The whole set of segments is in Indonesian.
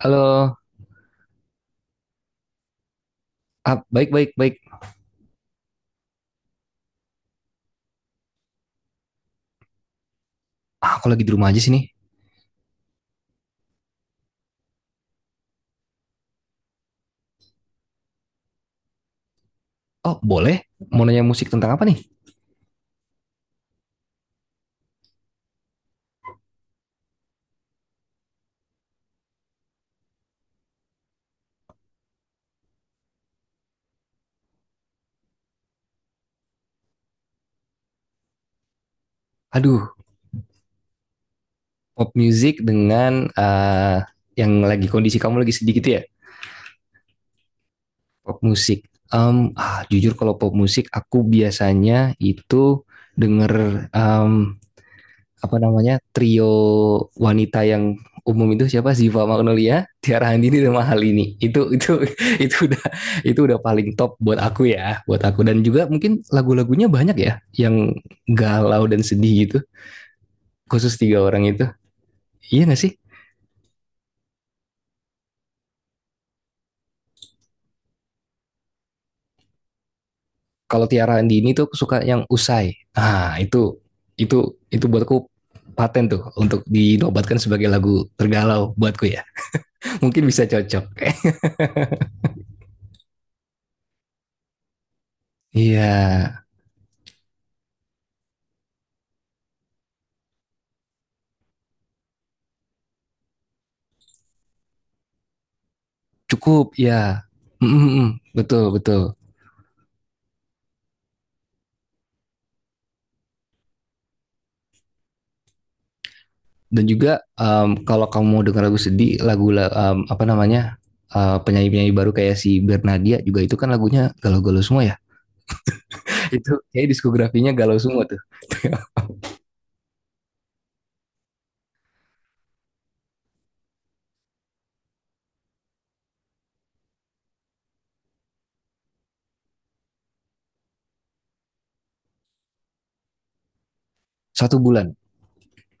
Halo. Baik, baik, baik. Ah, aku lagi di rumah aja sini. Oh, boleh? Mau nanya musik tentang apa nih? Aduh, pop music dengan yang lagi kondisi kamu lagi sedih gitu ya? Pop musik. Jujur kalau pop musik, aku biasanya itu denger apa namanya trio wanita yang umum itu siapa Ziva Magnolia, Tiara Handini dan Mahal ini. Itu itu udah itu udah paling top buat aku ya, buat aku, dan juga mungkin lagu-lagunya banyak ya yang galau dan sedih gitu. Khusus tiga orang itu. Iya gak sih? Kalau Tiara Handini tuh aku suka yang usai. Ah, itu buatku paten tuh untuk dinobatkan sebagai lagu tergalau buatku ya. Mungkin bisa cocok. Iya, yeah. Cukup, ya. Mm, mm, mm. Betul, betul. Dan juga kalau kamu mau dengar lagu sedih, apa namanya? Penyanyi-penyanyi baru kayak si Bernadia juga, itu kan lagunya galau-galau semua ya. Itu kayak diskografinya galau semua tuh. Satu bulan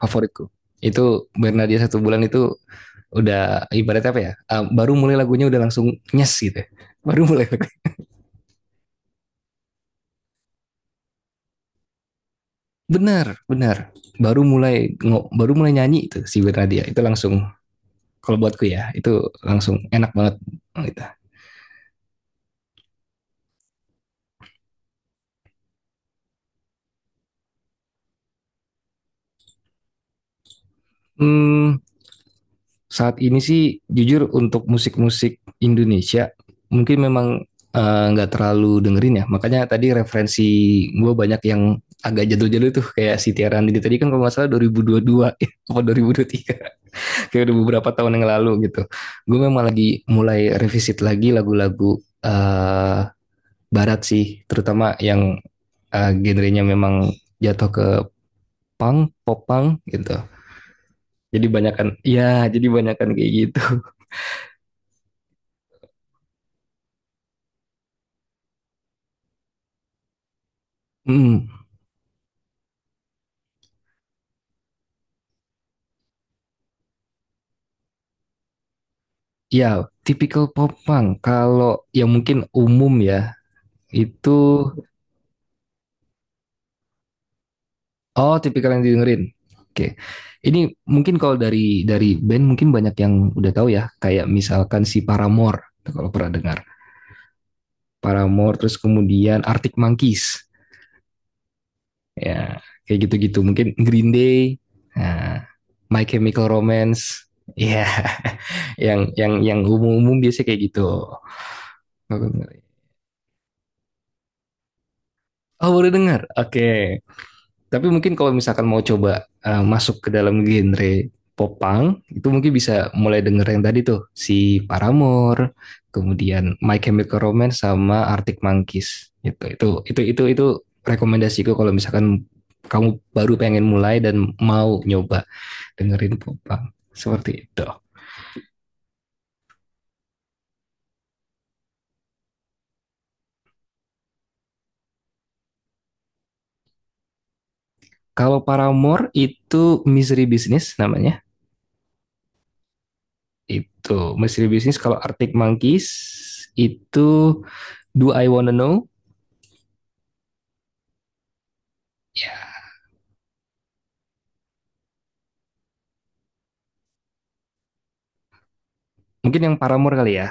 favoritku. Itu Bernadia satu bulan itu udah ibarat apa ya? Baru mulai lagunya udah langsung nyes gitu, ya. Baru mulai. Benar, benar. Baru mulai nyanyi itu si Bernadia. Itu langsung, kalau buatku ya, itu langsung enak banget. Hmm, Saat ini sih jujur untuk musik-musik Indonesia mungkin memang nggak terlalu dengerin ya. Makanya tadi referensi gue banyak yang agak jadul-jadul tuh, kayak si Tiara Andini tadi kan kalau nggak salah 2022 atau 2023 kayak udah beberapa tahun yang lalu gitu. Gue memang lagi mulai revisit lagi lagu-lagu eh, barat sih, terutama yang genrenya memang jatuh ke punk, pop punk gitu. Jadi banyakan, ya jadi banyakan kayak gitu. Hmm, ya, tipikal pop punk. Kalau yang mungkin umum ya, itu, oh, tipikal yang didengerin. Oke. Ini mungkin kalau dari band mungkin banyak yang udah tahu ya, kayak misalkan si Paramore, kalau pernah dengar. Paramore, terus kemudian Arctic Monkeys. Ya, kayak gitu-gitu. Mungkin Green Day, nah, My Chemical Romance. Ya, yang umum-umum biasanya kayak gitu. Oh, baru dengar. Oke. Tapi mungkin kalau misalkan mau coba masuk ke dalam genre pop punk, itu mungkin bisa mulai denger yang tadi tuh, si Paramore, kemudian My Chemical Romance sama Arctic Monkeys. Gitu. Itu rekomendasiku kalau misalkan kamu baru pengen mulai dan mau nyoba dengerin pop punk. Seperti itu. Kalau Paramore itu Misery Business namanya. Itu Misery Business. Kalau Arctic Monkeys itu Do I Wanna Know? Ya. Mungkin yang Paramore kali ya,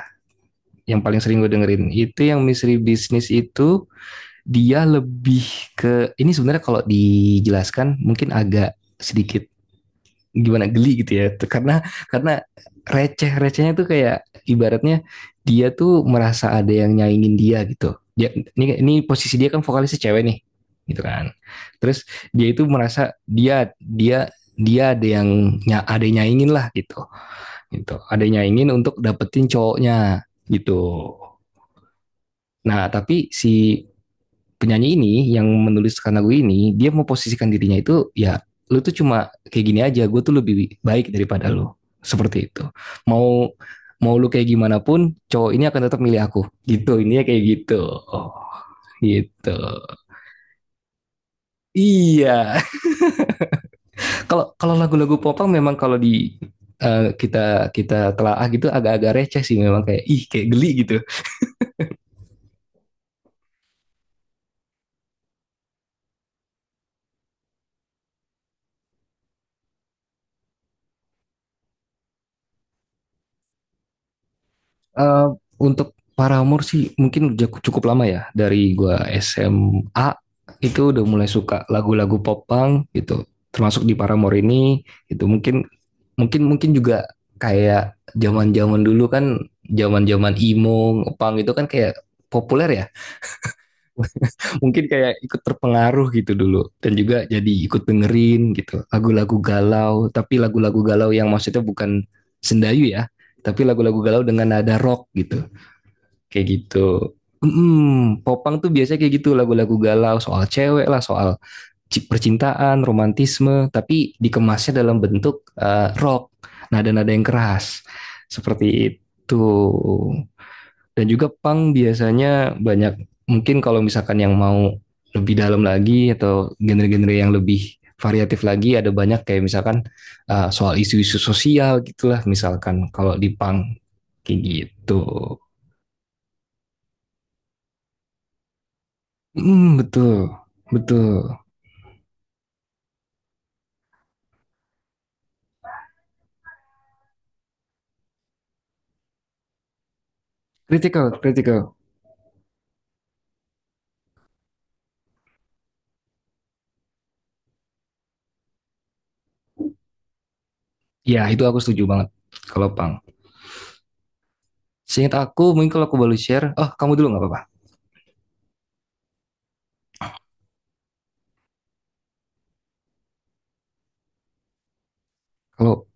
yang paling sering gue dengerin. Itu yang Misteri Bisnis itu dia lebih ke ini, sebenarnya kalau dijelaskan mungkin agak sedikit gimana, geli gitu ya, karena receh recehnya tuh kayak ibaratnya dia tuh merasa ada yang nyaingin dia gitu. Dia ini posisi dia kan vokalisnya cewek nih gitu kan, terus dia itu merasa dia dia dia ada yang nya ada yang nyaingin lah gitu, gitu ada yang nyaingin untuk dapetin cowoknya gitu. Nah, tapi si penyanyi ini yang menuliskan lagu ini dia mau posisikan dirinya itu ya, lu tuh cuma kayak gini aja, gue tuh lebih baik daripada lu, seperti itu. Mau mau lu kayak gimana pun cowok ini akan tetap milih aku gitu, ini kayak gitu, oh, gitu. Iya. Kalau kalau lagu-lagu popang memang kalau di kita kita telaah gitu agak-agak receh sih memang, kayak ih, kayak geli gitu. Eh, untuk Paramore sih mungkin udah cukup lama ya, dari gua SMA itu udah mulai suka lagu-lagu pop punk gitu, termasuk di Paramore ini. Itu mungkin, mungkin juga kayak zaman-zaman dulu kan, zaman-zaman emo punk itu kan kayak populer ya. Mungkin kayak ikut terpengaruh gitu dulu, dan juga jadi ikut dengerin gitu lagu-lagu galau, tapi lagu-lagu galau yang maksudnya bukan sendayu ya, tapi lagu-lagu galau dengan nada rock gitu, kayak gitu. Mm-mm, popang tuh biasanya kayak gitu, lagu-lagu galau soal cewek lah, soal percintaan, romantisme, tapi dikemasnya dalam bentuk rock, nada-nada yang keras. Seperti itu. Dan juga punk biasanya banyak, mungkin kalau misalkan yang mau lebih dalam lagi atau genre-genre yang lebih variatif lagi ada banyak, kayak misalkan soal isu-isu sosial gitulah, misalkan kalau di punk kayak gitu. Mm, betul, betul. Critical, critical. Ya, itu aku setuju banget kalau Pang. Seingat aku, mungkin kalau aku boleh share, oh kamu dulu nggak apa-apa. Kalau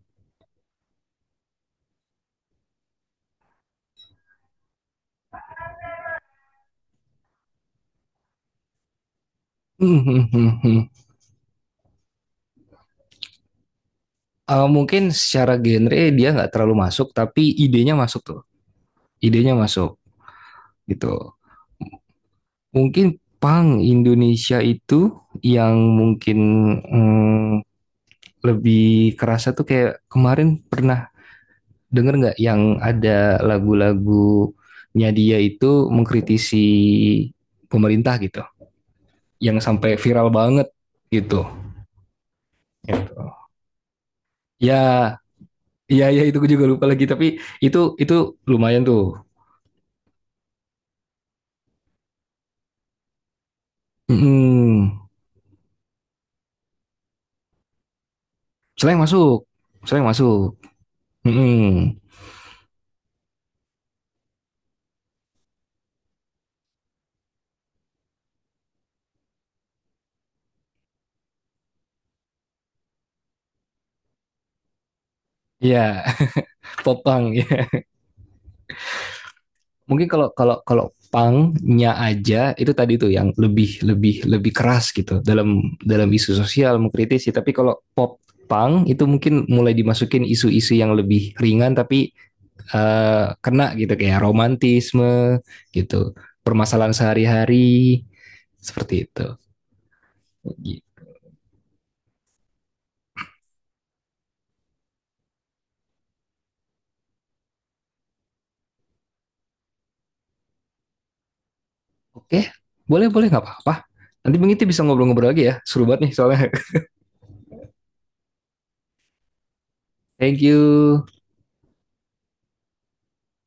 Hmm, hmm, hmm, hmm. Eh, mungkin secara genre dia nggak terlalu masuk, tapi idenya masuk tuh, idenya masuk gitu. Mungkin Pang Indonesia itu, yang mungkin mm, lebih kerasa tuh kayak kemarin pernah. Dengar nggak yang ada lagu-lagunya dia itu mengkritisi pemerintah gitu, yang sampai viral banget gitu. Gitu. Ya, ya, ya, itu gue juga lupa lagi, tapi itu lumayan tuh. Mm-mm. Selain masuk, selain masuk. Mm-mm. Ya, popang ya. Mungkin kalau kalau kalau pangnya aja itu tadi tuh yang lebih lebih lebih keras gitu dalam dalam isu sosial mengkritisi, tapi kalau pop pang itu mungkin mulai dimasukin isu-isu yang lebih ringan tapi kena gitu, kayak romantisme gitu, permasalahan sehari-hari, seperti itu. Gitu. Oke, boleh, boleh, nggak apa-apa. Nanti mungkin kita bisa ngobrol-ngobrol lagi ya, seru banget nih soalnya. Thank you.